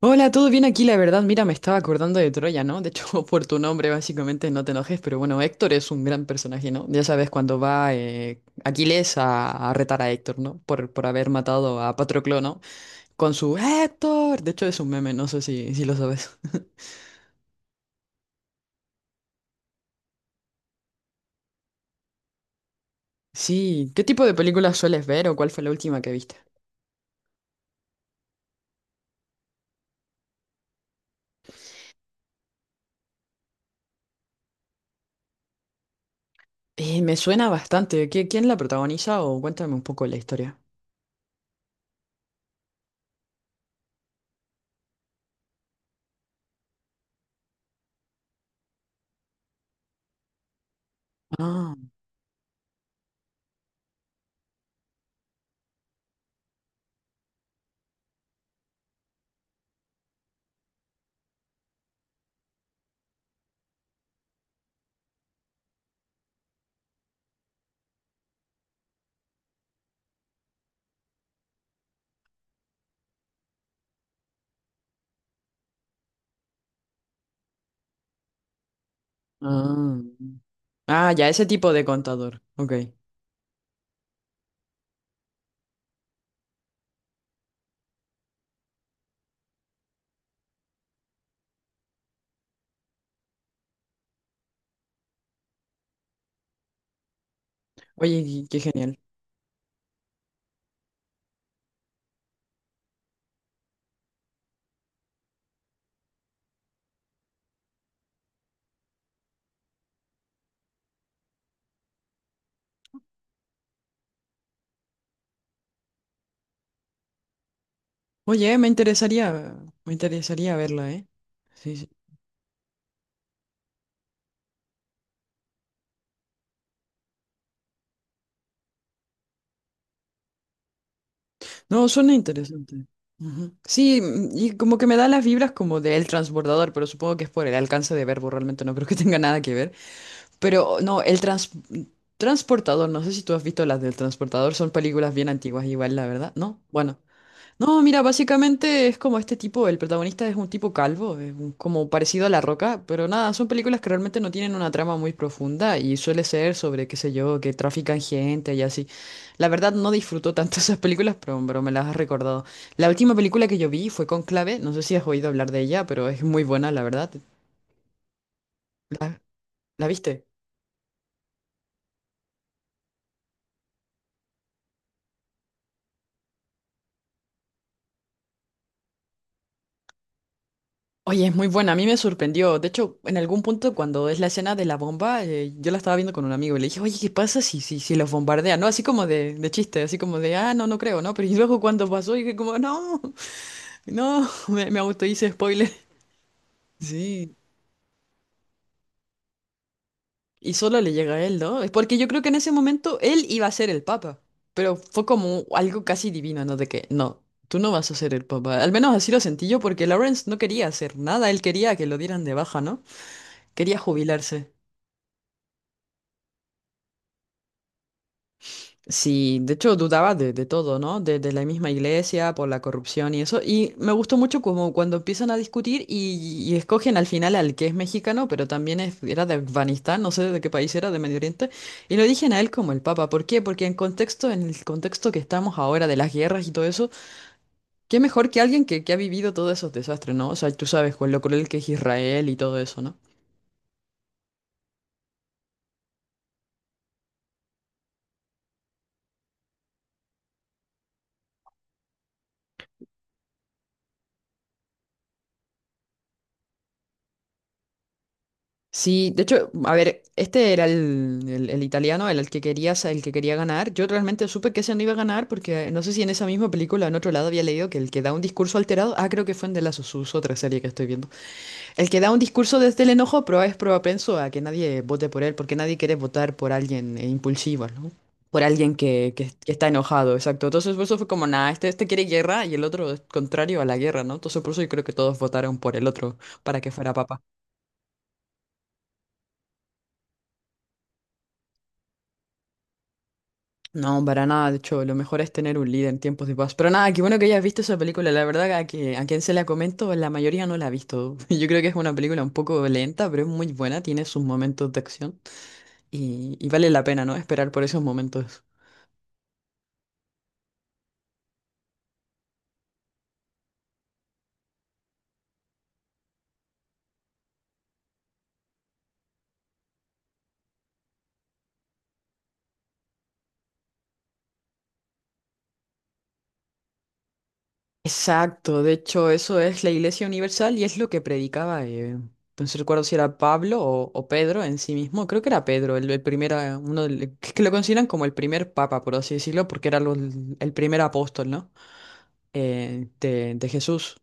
Hola, ¿todo bien aquí? La verdad, mira, me estaba acordando de Troya, ¿no? De hecho, por tu nombre, básicamente, no te enojes, pero bueno, Héctor es un gran personaje, ¿no? Ya sabes, cuando va Aquiles a retar a Héctor, ¿no? Por haber matado a Patroclo, ¿no? Con su Héctor. De hecho, es un meme, no sé si lo sabes. Sí, ¿qué tipo de películas sueles ver o cuál fue la última que viste? Me suena bastante. ¿Quién la protagoniza o cuéntame un poco la historia? Ah, ah. Ah, ya, ese tipo de contador. Ok. Oye, qué genial. Oye, me interesaría verla, ¿eh? Sí, sí. No, suena interesante. Ujú. Sí, y como que me da las vibras como de El Transbordador, pero supongo que es por el alcance de verbo, realmente no creo que tenga nada que ver. Pero no, Transportador, no sé si tú has visto las del Transportador, son películas bien antiguas igual, la verdad, ¿no? Bueno. No, mira, básicamente es como este tipo, el protagonista es un tipo calvo, como parecido a La Roca, pero nada, son películas que realmente no tienen una trama muy profunda y suele ser sobre, qué sé yo, que trafican gente y así. La verdad no disfruto tanto esas películas, pero me las has recordado. La última película que yo vi fue Conclave, no sé si has oído hablar de ella, pero es muy buena, la verdad. ¿La, la viste? Oye, es muy buena, a mí me sorprendió. De hecho, en algún punto cuando es la escena de la bomba, yo la estaba viendo con un amigo y le dije, oye, ¿qué pasa si los bombardean? ¿No? Así como de chiste, así como de, ah, no, no creo, ¿no? Pero y luego cuando pasó, dije como, no, no, me auto hice spoiler. Sí. Y solo le llega a él, ¿no? Es porque yo creo que en ese momento él iba a ser el papa. Pero fue como algo casi divino, ¿no? De que, no, tú no vas a ser el papa. Al menos así lo sentí yo porque Lawrence no quería hacer nada, él quería que lo dieran de baja, ¿no? Quería jubilarse. Sí, de hecho dudaba de todo, ¿no? De la misma iglesia, por la corrupción y eso. Y me gustó mucho como cuando empiezan a discutir y escogen al final al que es mexicano, pero también era de Afganistán, no sé de qué país era, de Medio Oriente. Y lo eligen a él como el Papa. ¿Por qué? Porque en contexto, en el contexto que estamos ahora de las guerras y todo eso, qué mejor que alguien que ha vivido todos esos desastres, ¿no? O sea, tú sabes con lo cruel que es Israel y todo eso, ¿no? Sí, de hecho, a ver, este era el italiano, el que quería, el que quería ganar. Yo realmente supe que ese no iba a ganar porque no sé si en esa misma película, en otro lado, había leído que el que da un discurso alterado, ah, creo que fue en The Last of Us, otra serie que estoy viendo. El que da un discurso desde el enojo, pero es propenso a que nadie vote por él, porque nadie quiere votar por alguien impulsivo, ¿no? Por alguien que está enojado, exacto. Entonces, por eso fue como, nada, este quiere guerra y el otro es contrario a la guerra, ¿no? Entonces, por eso yo creo que todos votaron por el otro para que fuera papa. No, para nada, de hecho, lo mejor es tener un líder en tiempos de paz. Pero nada, qué bueno que hayas visto esa película, la verdad a que a quien se la comento, la mayoría no la ha visto. Yo creo que es una película un poco lenta, pero es muy buena, tiene sus momentos de acción y vale la pena, ¿no? Esperar por esos momentos. Exacto, de hecho, eso es la Iglesia Universal y es lo que predicaba, no sé, recuerdo si era Pablo o Pedro en sí mismo, creo que era Pedro, el primer, que lo consideran como el primer papa, por así decirlo, porque era el primer apóstol, ¿no? De Jesús.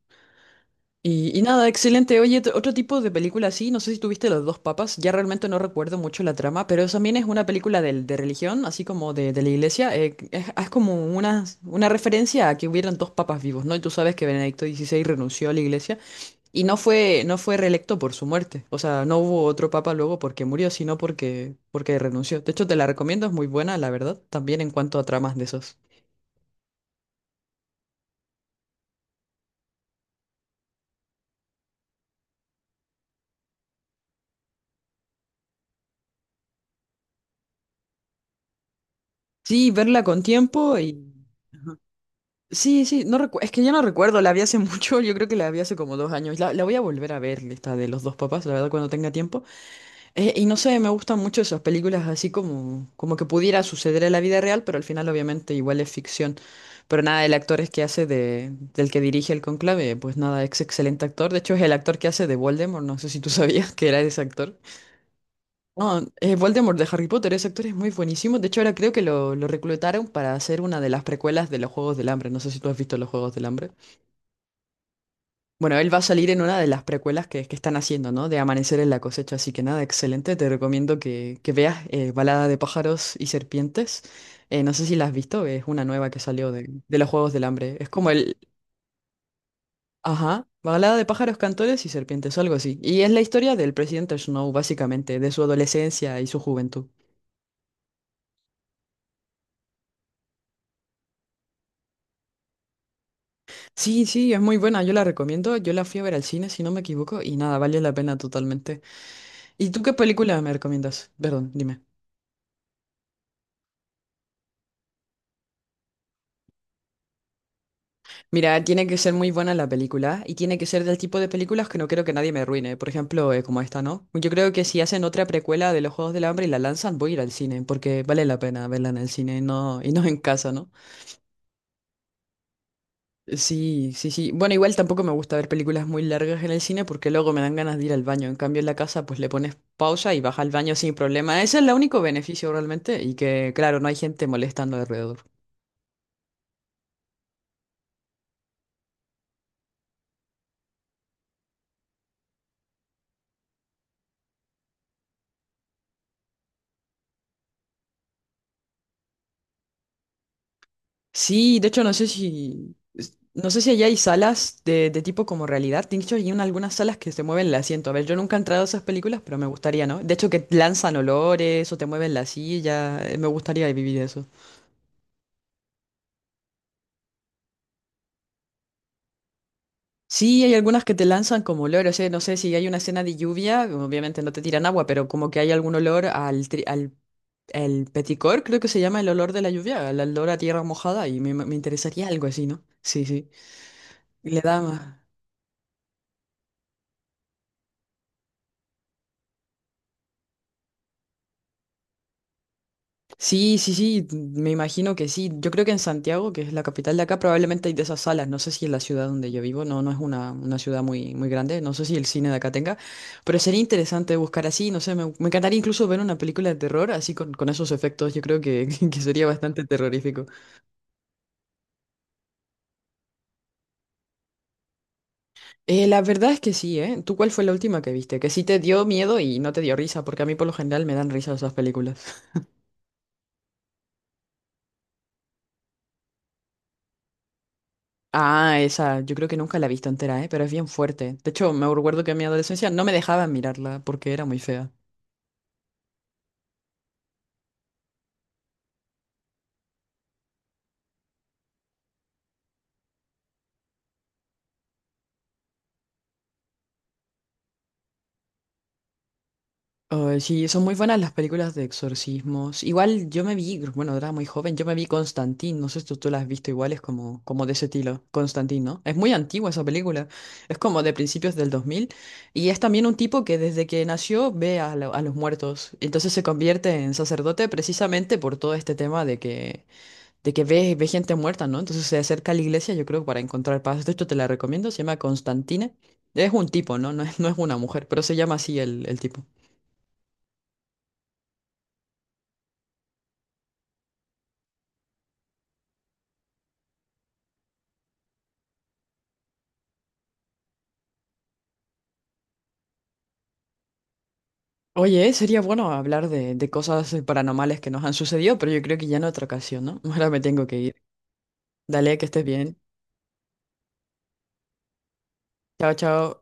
Y nada, excelente. Oye, otro tipo de película así, no sé si tuviste Los dos papas, ya realmente no recuerdo mucho la trama, pero eso también es una película de religión, así como de la iglesia. Es como una referencia a que hubieran dos papas vivos, ¿no? Y tú sabes que Benedicto XVI renunció a la iglesia y no fue, no fue reelecto por su muerte. O sea, no hubo otro papa luego porque murió, sino porque, porque renunció. De hecho, te la recomiendo, es muy buena, la verdad, también en cuanto a tramas de esos. Sí, verla con tiempo y... Sí, sí, no recu- es que ya no recuerdo, la vi hace mucho, yo creo que la vi hace como dos años. La voy a volver a ver, esta de los dos papás, la verdad, cuando tenga tiempo. Y no sé, me gustan mucho esas películas así como, como que pudiera suceder en la vida real, pero al final obviamente igual es ficción. Pero nada, el actor es que hace de, del que dirige el conclave, pues nada, es excelente actor. De hecho, es el actor que hace de Voldemort, no sé si tú sabías que era ese actor. No, Voldemort de Harry Potter, ese actor es muy buenísimo. De hecho, ahora creo que lo reclutaron para hacer una de las precuelas de los Juegos del Hambre. No sé si tú has visto los Juegos del Hambre. Bueno, él va a salir en una de las precuelas que están haciendo, ¿no? De Amanecer en la cosecha, así que nada, excelente. Te recomiendo que veas Balada de pájaros y serpientes. No sé si la has visto, es una nueva que salió de los Juegos del Hambre. Es como el... Ajá, Balada de pájaros, cantores y serpientes, algo así. Y es la historia del presidente Snow, básicamente, de su adolescencia y su juventud. Sí, sí, es muy buena, yo la recomiendo. Yo la fui a ver al cine, si no me equivoco, y nada, vale la pena totalmente. ¿Y tú qué película me recomiendas? Perdón, dime. Mira, tiene que ser muy buena la película y tiene que ser del tipo de películas que no creo que nadie me arruine. Por ejemplo, como esta, ¿no? Yo creo que si hacen otra precuela de los Juegos del Hambre y la lanzan, voy a ir al cine porque vale la pena verla en el cine y no en casa, ¿no? Sí, sí, sí. Bueno, igual tampoco me gusta ver películas muy largas en el cine porque luego me dan ganas de ir al baño. En cambio, en la casa, pues le pones pausa y vas al baño sin problema. Ese es el único beneficio realmente y que, claro, no hay gente molestando alrededor. Sí, de hecho no sé si, no sé si allá hay salas de tipo como realidad. De hecho, algunas salas que se mueven el asiento. A ver, yo nunca he entrado a esas películas, pero me gustaría, ¿no? De hecho, que lanzan olores o te mueven la silla. Me gustaría vivir eso. Sí, hay algunas que te lanzan como olores. No sé si hay una escena de lluvia, obviamente no te tiran agua, pero como que hay algún olor al el peticor, creo que se llama el olor de la lluvia, el olor a tierra mojada, y me interesaría algo así, ¿no? Sí, sí. Le da más. Sí, sí, sí, me imagino que sí. Yo creo que en Santiago, que es la capital de acá, probablemente hay de esas salas. No sé si en la ciudad donde yo vivo, no, no es una ciudad muy, muy grande, no sé si el cine de acá tenga, pero sería interesante buscar así, no sé, me encantaría incluso ver una película de terror así con esos efectos, yo creo que, que sería bastante terrorífico. La verdad es que sí, ¿eh? ¿Tú cuál fue la última que viste? Que sí te dio miedo y no te dio risa, porque a mí por lo general me dan risa esas películas. Ah, esa, yo creo que nunca la he visto entera, ¿eh? Pero es bien fuerte. De hecho, me recuerdo que en mi adolescencia no me dejaban mirarla porque era muy fea. Ay, sí, son muy buenas las películas de exorcismos. Igual yo me vi, bueno, era muy joven, yo me vi Constantine, no sé si tú la has visto igual, es como, como de ese estilo, Constantine, ¿no? Es muy antigua esa película, es como de principios del 2000 y es también un tipo que desde que nació ve a los muertos, entonces se convierte en sacerdote precisamente por todo este tema de que ve, ve gente muerta, ¿no? Entonces se acerca a la iglesia, yo creo, para encontrar paz. De hecho, te la recomiendo, se llama Constantine. Es un tipo, ¿no? No es, no es una mujer, pero se llama así el tipo. Oye, sería bueno hablar de cosas paranormales que nos han sucedido, pero yo creo que ya en otra ocasión, ¿no? Ahora me tengo que ir. Dale, que estés bien. Chao, chao.